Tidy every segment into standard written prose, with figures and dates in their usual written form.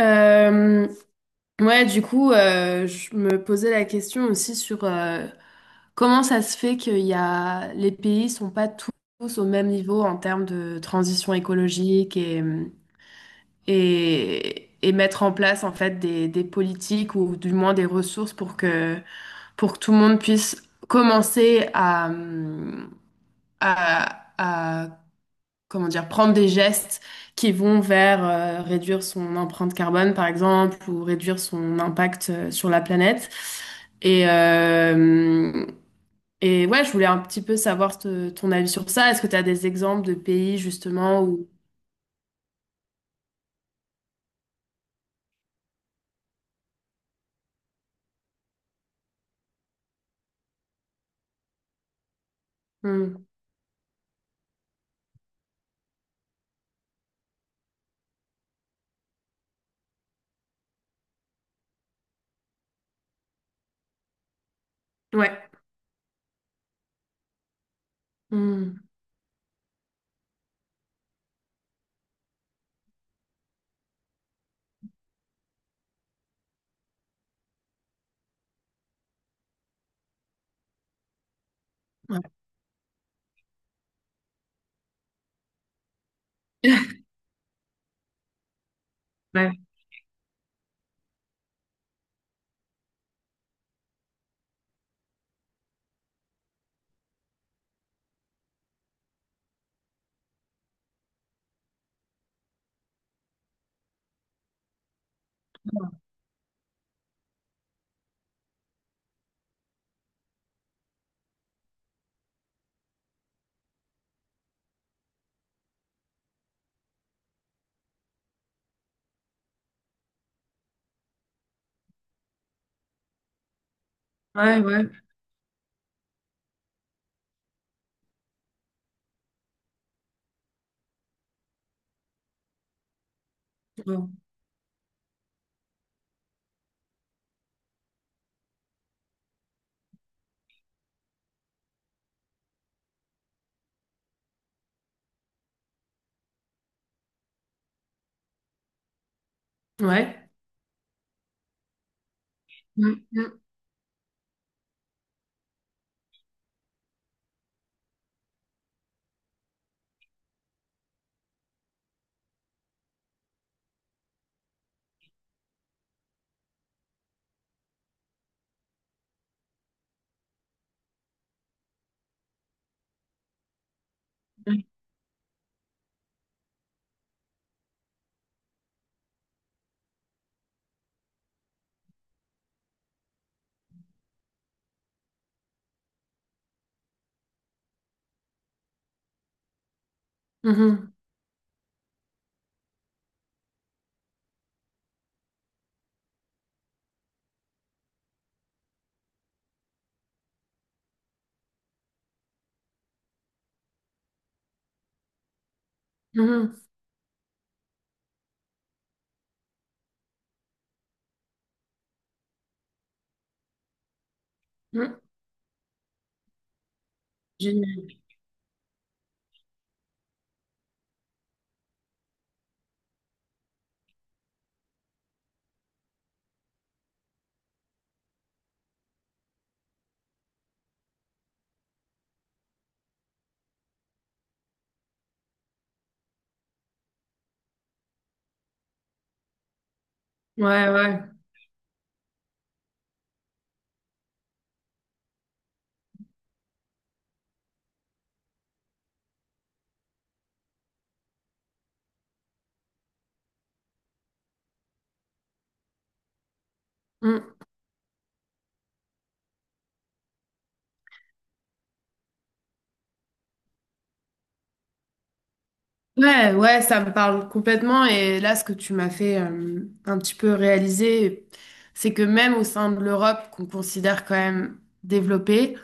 Euh, ouais, du coup, je me posais la question aussi sur comment ça se fait qu'il y a les pays sont pas tous au même niveau en termes de transition écologique et mettre en place en fait des politiques ou du moins des ressources pour que tout le monde puisse commencer à comment dire, prendre des gestes qui vont vers réduire son empreinte carbone, par exemple, ou réduire son impact sur la planète. Et, euh, et ouais, je voulais un petit peu savoir ton avis sur ça. Est-ce que tu as des exemples de pays, justement, où... Hmm. Ouais. Hmm. Ouais. Ouais. Ouais, ouais. Bon. Ouais. Mm, mm, mm. Mhm, mhm, mm. Génial. Ouais, ouais. Ouais, ouais, ça me parle complètement. Et là, ce que tu m'as fait un petit peu réaliser, c'est que même au sein de l'Europe, qu'on considère quand même développée,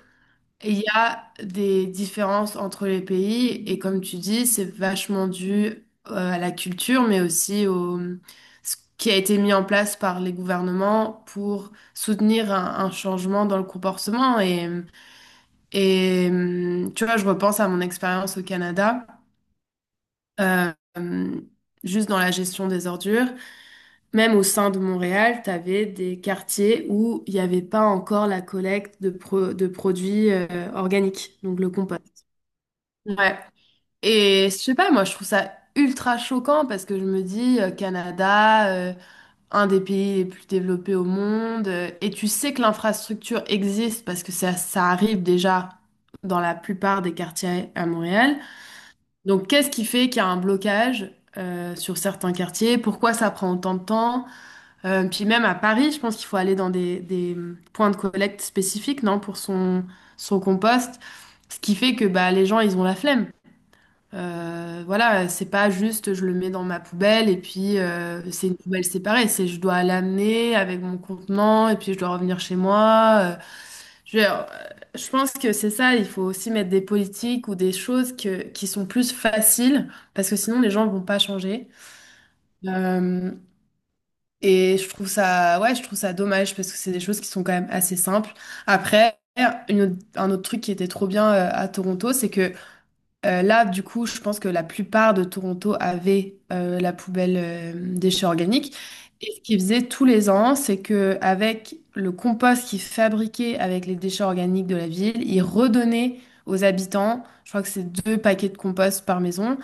il y a des différences entre les pays. Et comme tu dis, c'est vachement dû à la culture, mais aussi au ce qui a été mis en place par les gouvernements pour soutenir un changement dans le comportement. Et, tu vois, je repense à mon expérience au Canada euh, juste dans la gestion des ordures. Même au sein de Montréal, tu avais des quartiers où il n'y avait pas encore la collecte de produits organiques, donc le compost. Ouais. Et je sais pas, moi je trouve ça ultra choquant parce que je me dis, Canada, un des pays les plus développés au monde, et tu sais que l'infrastructure existe parce que ça arrive déjà dans la plupart des quartiers à Montréal. Donc, qu'est-ce qui fait qu'il y a un blocage sur certains quartiers? Pourquoi ça prend autant de temps? Puis même à Paris, je pense qu'il faut aller dans des, points de collecte spécifiques, non, pour son compost. Ce qui fait que bah, les gens, ils ont la flemme. Voilà, c'est pas juste je le mets dans ma poubelle et puis c'est une poubelle séparée. C'est je dois l'amener avec mon contenant et puis je dois revenir chez moi. Je, euh, je pense que c'est ça, il faut aussi mettre des politiques ou des choses qui sont plus faciles, parce que sinon les gens vont pas changer. Euh, et je trouve ça, ouais, je trouve ça dommage, parce que c'est des choses qui sont quand même assez simples. Après, un autre truc qui était trop bien à Toronto, c'est que là, du coup, je pense que la plupart de Toronto avait la poubelle déchets organiques. Et ce qu'ils faisaient tous les ans, c'est que avec le compost qu'ils fabriquaient avec les déchets organiques de la ville, ils redonnaient aux habitants, je crois que c'est deux paquets de compost par maison,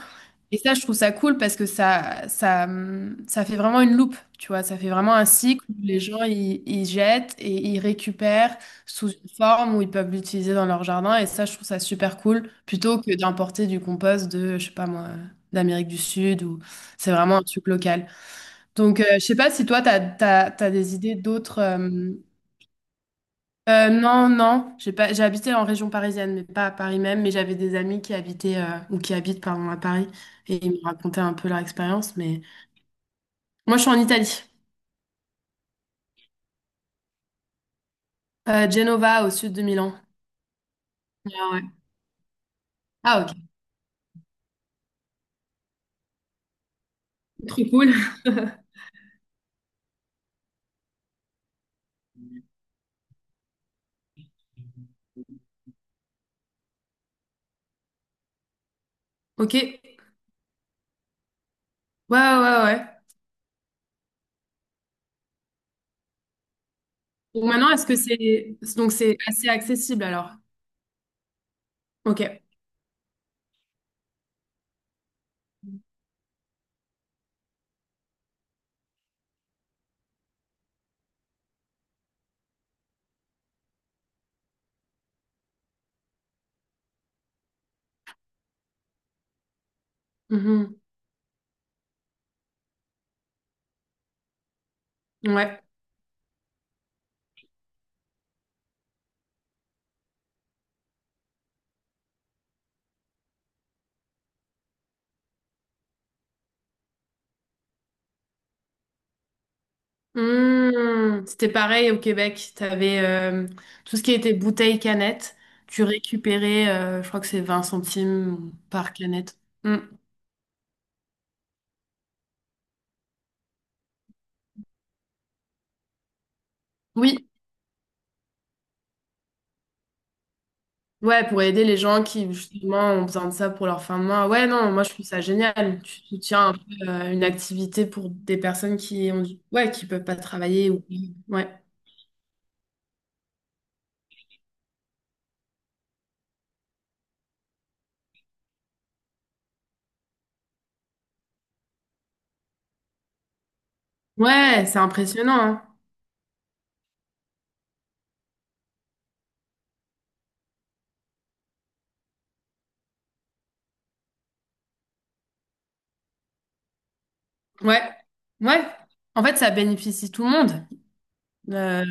et ça, je trouve ça cool parce que ça, ça fait vraiment une loupe, tu vois. Ça fait vraiment un cycle où les gens, ils jettent et ils récupèrent sous une forme où ils peuvent l'utiliser dans leur jardin. Et ça, je trouve ça super cool plutôt que d'importer du compost de, je sais pas moi, d'Amérique du Sud ou c'est vraiment un truc local. Donc, je sais pas si toi, t'as des idées d'autres. Non, non, j'ai pas, j'ai habité en région parisienne, mais pas à Paris même, mais j'avais des amis qui habitaient, ou qui habitent, pardon, à Paris, et ils me racontaient un peu leur expérience, mais moi je suis en Italie. Genova, au sud de Milan. Ah ouais. Ah ok, trop cool. Ok, ouais, ouais, ouais. Ouais. Donc maintenant, donc c'est assez accessible alors? Ok. Mhm. Ouais. Mmh. C'était pareil au Québec. Tu avais tout ce qui était bouteille canette. Tu récupérais, je crois que c'est 20 centimes par canette. Mmh. Oui, ouais, pour aider les gens qui justement ont besoin de ça pour leur fin de mois. Ouais, non, moi je trouve ça génial. Tu soutiens un peu une activité pour des personnes qui ont du... ouais, qui peuvent pas travailler ou ouais. Ouais, c'est impressionnant, hein. Ouais. Ouais. En fait, ça bénéficie tout le monde. Euh,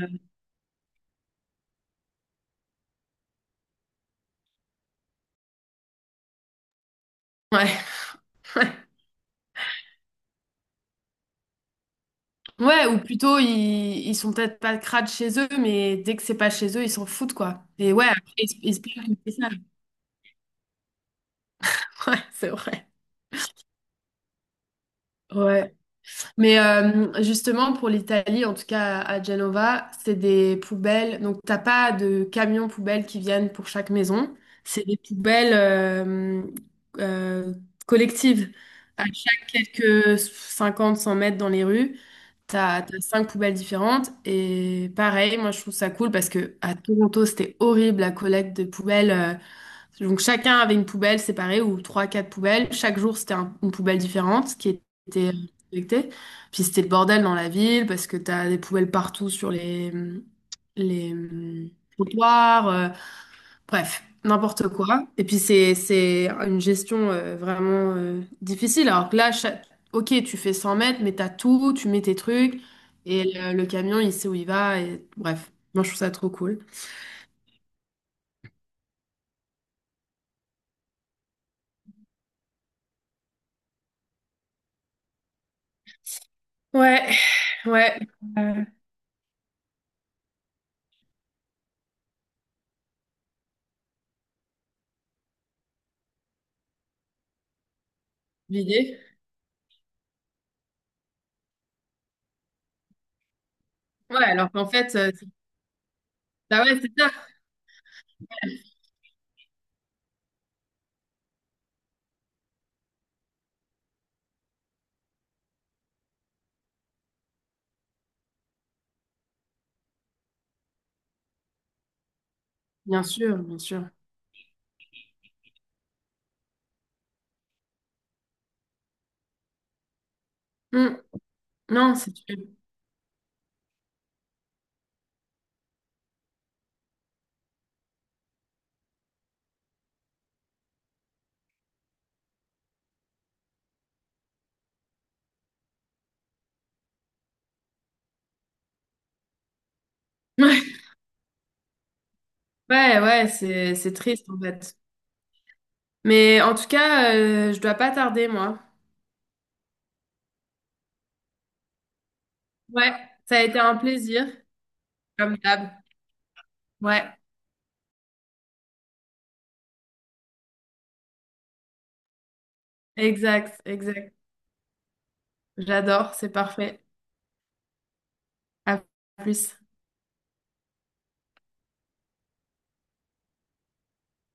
ouais. Ouais, ou plutôt, ils sont peut-être pas crades chez eux, mais dès que c'est pas chez eux, ils s'en foutent, quoi. Et ouais, après, ils se plaignent que c'est ça. Ouais, c'est vrai. Ouais. Mais justement, pour l'Italie, en tout cas à Genova, c'est des poubelles. Donc, t'as pas de camions poubelles qui viennent pour chaque maison. C'est des poubelles euh, collectives à chaque quelques 50, 100 mètres dans les rues. T'as cinq poubelles différentes et pareil, moi je trouve ça cool parce que à Toronto c'était horrible la collecte de poubelles. Donc chacun avait une poubelle séparée ou trois, quatre poubelles. Chaque jour c'était une poubelle différente qui était collectée. Puis c'était le bordel dans la ville parce que t'as des poubelles partout sur les trottoirs. Bref, n'importe quoi. Et puis c'est une gestion vraiment difficile. Alors que là, ok, tu fais 100 mètres, mais t'as tout, tu mets tes trucs, et le camion, il sait où il va. Et... Bref, moi, je trouve ça trop cool. Ouais, ouais, l'idée. Ouais, alors qu'en fait, bah ouais, c'est ça. Bien sûr, bien sûr. Hmm. Non, c'est dur. Ouais, ouais, ouais, c'est triste en fait. Mais en tout cas, je dois pas tarder, moi. Ouais, ça a été un plaisir, comme d'hab. Ouais. Exact, exact. J'adore, c'est parfait. À plus.